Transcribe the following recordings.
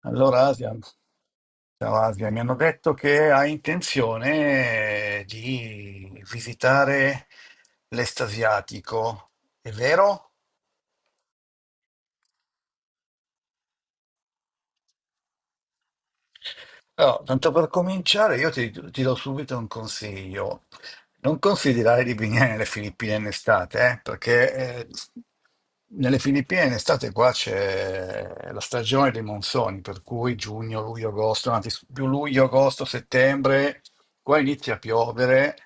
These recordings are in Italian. Allora, Asia, ciao Asia, mi hanno detto che hai intenzione di visitare l'estasiatico, è vero? Allora, tanto per cominciare, io ti do subito un consiglio. Non considerare di venire nelle Filippine in estate, perché nelle Filippine in estate qua c'è la stagione dei monsoni, per cui giugno, luglio, agosto, anzi più luglio, agosto, settembre, qua inizia a piovere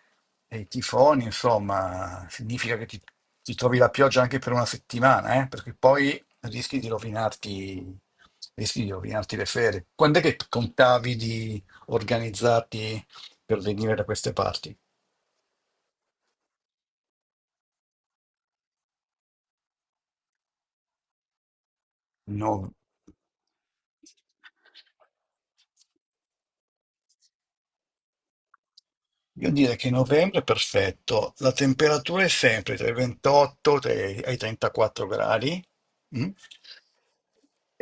e i tifoni, insomma, significa che ti trovi la pioggia anche per una settimana, perché poi rischi di rovinarti, rischi di rovinarti le ferie. Quando è che contavi di organizzarti per venire da queste parti? No. Io direi che novembre è perfetto, la temperatura è sempre tra i 28 e i 34 gradi. Mm?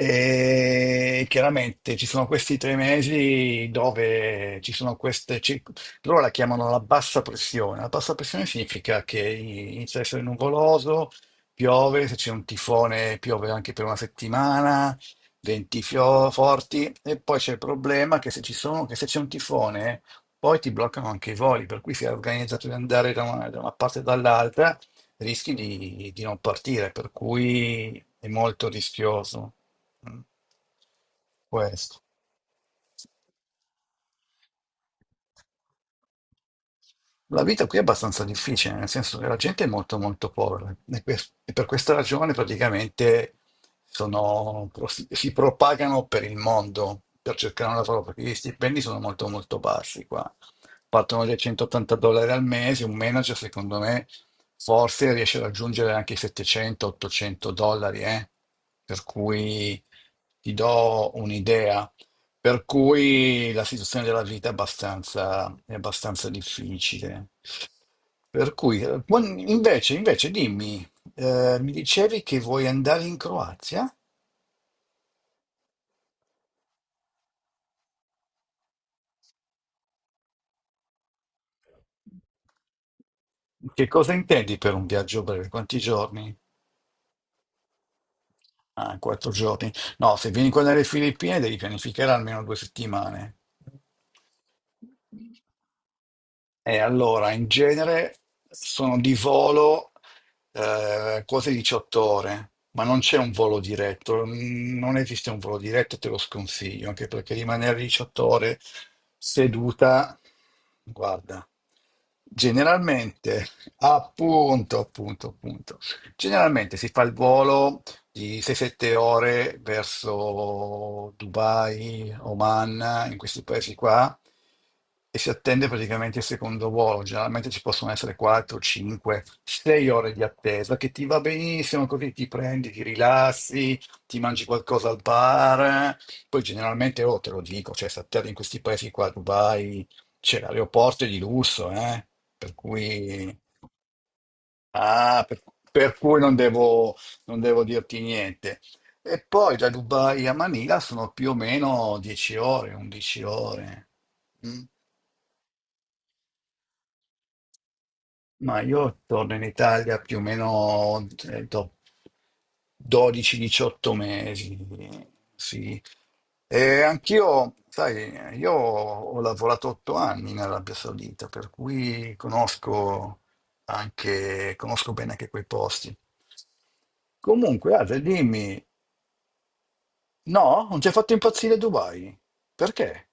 E chiaramente ci sono questi 3 mesi dove ci sono loro la chiamano la bassa pressione. La bassa pressione significa che inizia a essere nuvoloso, piove, se c'è un tifone piove anche per una settimana, venti forti, e poi c'è il problema che se ci sono, che se c'è un tifone poi ti bloccano anche i voli, per cui se hai organizzato di andare da una parte e dall'altra, rischi di non partire, per cui è molto rischioso. Mm. Questo. La vita qui è abbastanza difficile, nel senso che la gente è molto molto povera e, e per questa ragione praticamente sono- si propagano per il mondo per cercare un lavoro, perché gli stipendi sono molto molto bassi qua. Partono dai 180 dollari al mese, un manager secondo me forse riesce a raggiungere anche i 700-800 dollari, eh. Per cui ti do un'idea. Per cui la situazione della vita è abbastanza, difficile. Per cui, invece dimmi, mi dicevi che vuoi andare in Croazia? Che cosa intendi per un viaggio breve? Quanti giorni? Ah, 4 giorni. No, se vieni qua dalle Filippine devi pianificare almeno 2 settimane. E allora, in genere sono di volo quote 18 ore, ma non c'è un volo diretto, non esiste un volo diretto, te lo sconsiglio, anche perché rimanere 18 ore seduta, guarda, generalmente, appunto, appunto, appunto, generalmente si fa il volo di 6-7 ore verso Dubai, Oman, in questi paesi qua, e si attende praticamente il secondo volo. Generalmente ci possono essere 4, 5, 6 ore di attesa, che ti va benissimo, così ti prendi, ti rilassi, ti mangi qualcosa al bar. Poi generalmente, oh, te lo dico, cioè, si attende in questi paesi qua, Dubai, c'è, l'aeroporto è di lusso, eh? Per cui. Ah, per cui non devo dirti niente. E poi da Dubai a Manila sono più o meno 10 ore, 11 ore. Mm. Ma io torno in Italia più o meno dopo 12-18 mesi, sì. E anch'io, sai, io ho lavorato 8 anni in Arabia Saudita, per cui conosco bene anche quei posti. Comunque, Ale, dimmi, no, non ti ha fatto impazzire Dubai? Perché?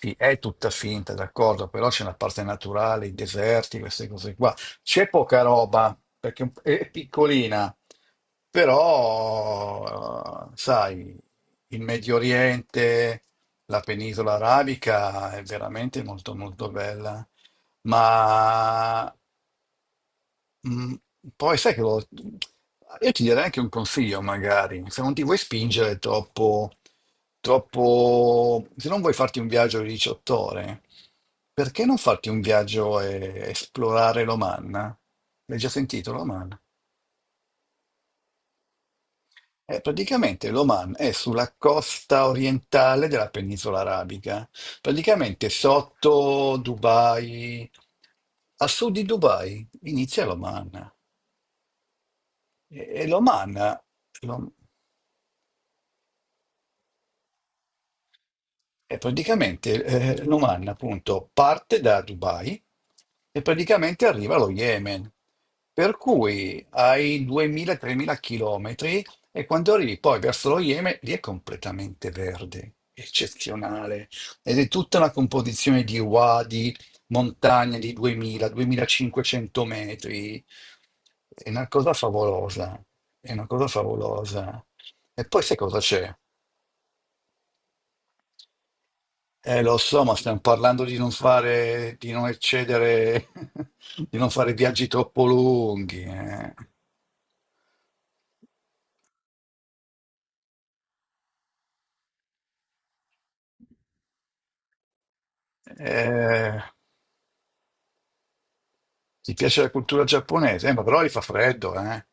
Sì, è tutta finta, d'accordo, però c'è una parte naturale, i deserti, queste cose qua. C'è poca roba, perché è piccolina, però, sai, il Medio Oriente, la penisola arabica è veramente molto molto bella, ma Mm, poi sai che io ti darei anche un consiglio, magari, se non ti vuoi spingere troppo, troppo, se non vuoi farti un viaggio di 18 ore, perché non farti un viaggio e esplorare l'Oman? L'hai già sentito l'Oman? Praticamente l'Oman è sulla costa orientale della penisola arabica, praticamente sotto Dubai, a sud di Dubai inizia l'Oman. E l'Oman, l'Om- E praticamente l'Oman appunto parte da Dubai e praticamente arriva allo Yemen, per cui hai 2000-3000 chilometri e quando arrivi poi verso lo Yemen lì è completamente verde, eccezionale, ed è tutta una composizione di wadi, montagne di 2000-2500 metri, è una cosa favolosa, è una cosa favolosa. E poi sai cosa c'è? Lo so, ma stiamo parlando di non eccedere, di non fare viaggi troppo lunghi, Eh, ti piace la cultura giapponese? Ma però lì fa freddo, eh.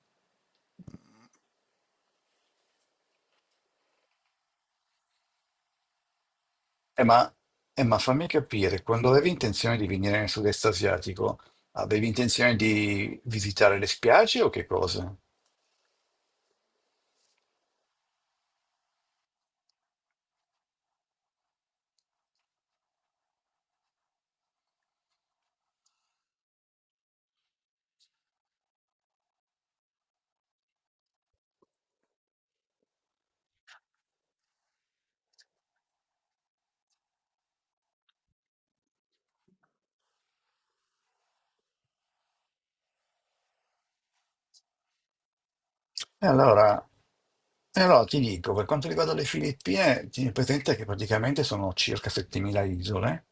Eh, ma, eh, ma fammi capire, quando avevi intenzione di venire nel sud-est asiatico, avevi intenzione di visitare le spiagge o che cosa? E allora, ti dico, per quanto riguarda le Filippine, tieni presente che praticamente sono circa 7.000 isole.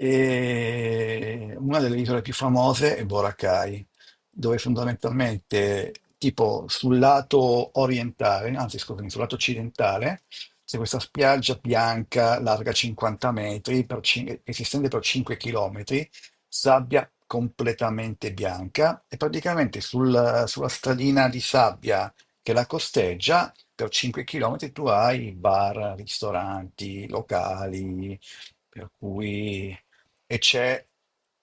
E una delle isole più famose è Boracay, dove fondamentalmente, tipo sul lato orientale, anzi scusami, sul lato occidentale, c'è questa spiaggia bianca larga 50 metri che si estende per 5 chilometri, sabbia completamente bianca e praticamente sulla stradina di sabbia che la costeggia per 5 chilometri tu hai bar, ristoranti, locali, per cui e c'è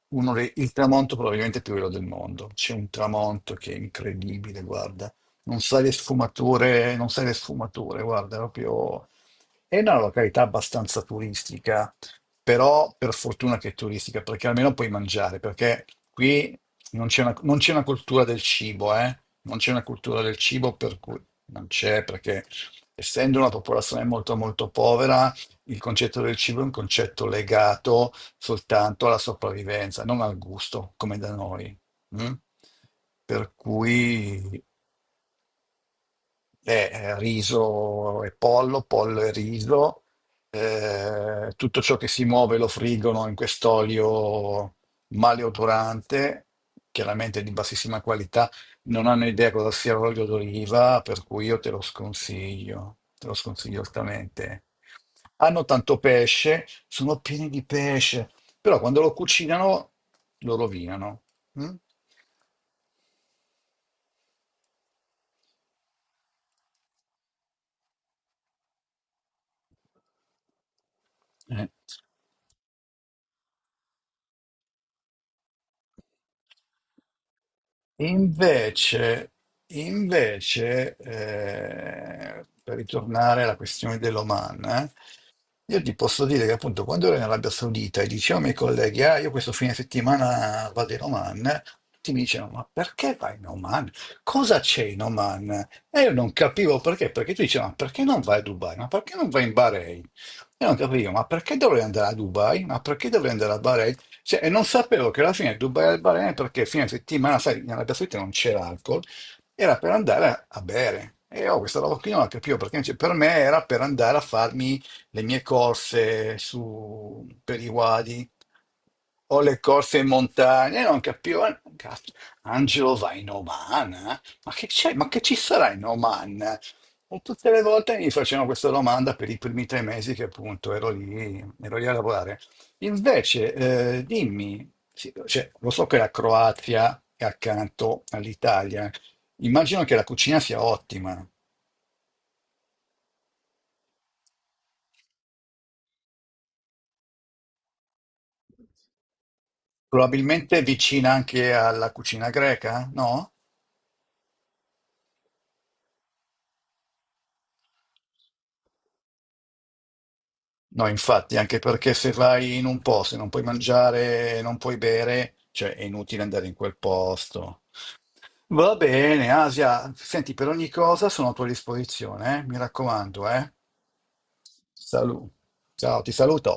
il tramonto probabilmente più bello del mondo. C'è un tramonto che è incredibile, guarda. Non sai le sfumature, non sai le sfumature, guarda, proprio. È una località abbastanza turistica, però per fortuna che è turistica, perché almeno puoi mangiare, perché qui non c'è una cultura del cibo, eh? Non c'è una cultura del cibo, per cui non c'è, perché essendo una popolazione molto molto povera, il concetto del cibo è un concetto legato soltanto alla sopravvivenza, non al gusto, come da noi. Mm? Per cui riso e pollo, pollo e riso, tutto ciò che si muove lo friggono in quest'olio maleodorante, chiaramente di bassissima qualità. Non hanno idea cosa sia l'olio d'oliva, per cui io te lo sconsiglio altamente. Hanno tanto pesce, sono pieni di pesce, però quando lo cucinano lo rovinano. Mm? Eh. Invece, invece, per ritornare alla questione dell'Oman, io ti posso dire che appunto quando ero in Arabia Saudita e dicevo ai miei colleghi, "Ah, io questo fine settimana vado in Oman", tutti mi dicevano, "Ma perché vai in Oman? Cosa c'è in Oman?" E io non capivo perché, perché tu dicevi, "Ma perché non vai a Dubai? Ma perché non vai in Bahrain?" Io non capivo, ma perché dovrei andare a Dubai? Ma perché dovrei andare a Bahrain? Cioè, e non sapevo che alla fine Dubai al Bahrain, perché fine settimana, sai, in Arabia Saudita non c'era alcol, era per andare a bere. E ho questa roba qui, non la capivo perché, cioè, per me era per andare a farmi le mie corse su, per i wadi o le corse in montagna. E non capivo, "Ah, cazzo, Angelo va in Oman? Eh? Ma che c'è? Ma che ci sarà in Oman?" E tutte le volte mi facevano questa domanda per i primi 3 mesi che appunto ero lì a lavorare. Invece, dimmi, sì, cioè, lo so che la Croazia è accanto all'Italia, immagino che la cucina sia ottima, probabilmente vicina anche alla cucina greca, no? No, infatti, anche perché se vai in un posto e non puoi mangiare, non puoi bere, cioè è inutile andare in quel posto. Va bene, Asia, senti, per ogni cosa sono a tua disposizione, eh? Mi raccomando, eh? Salu- Ciao, ti saluto.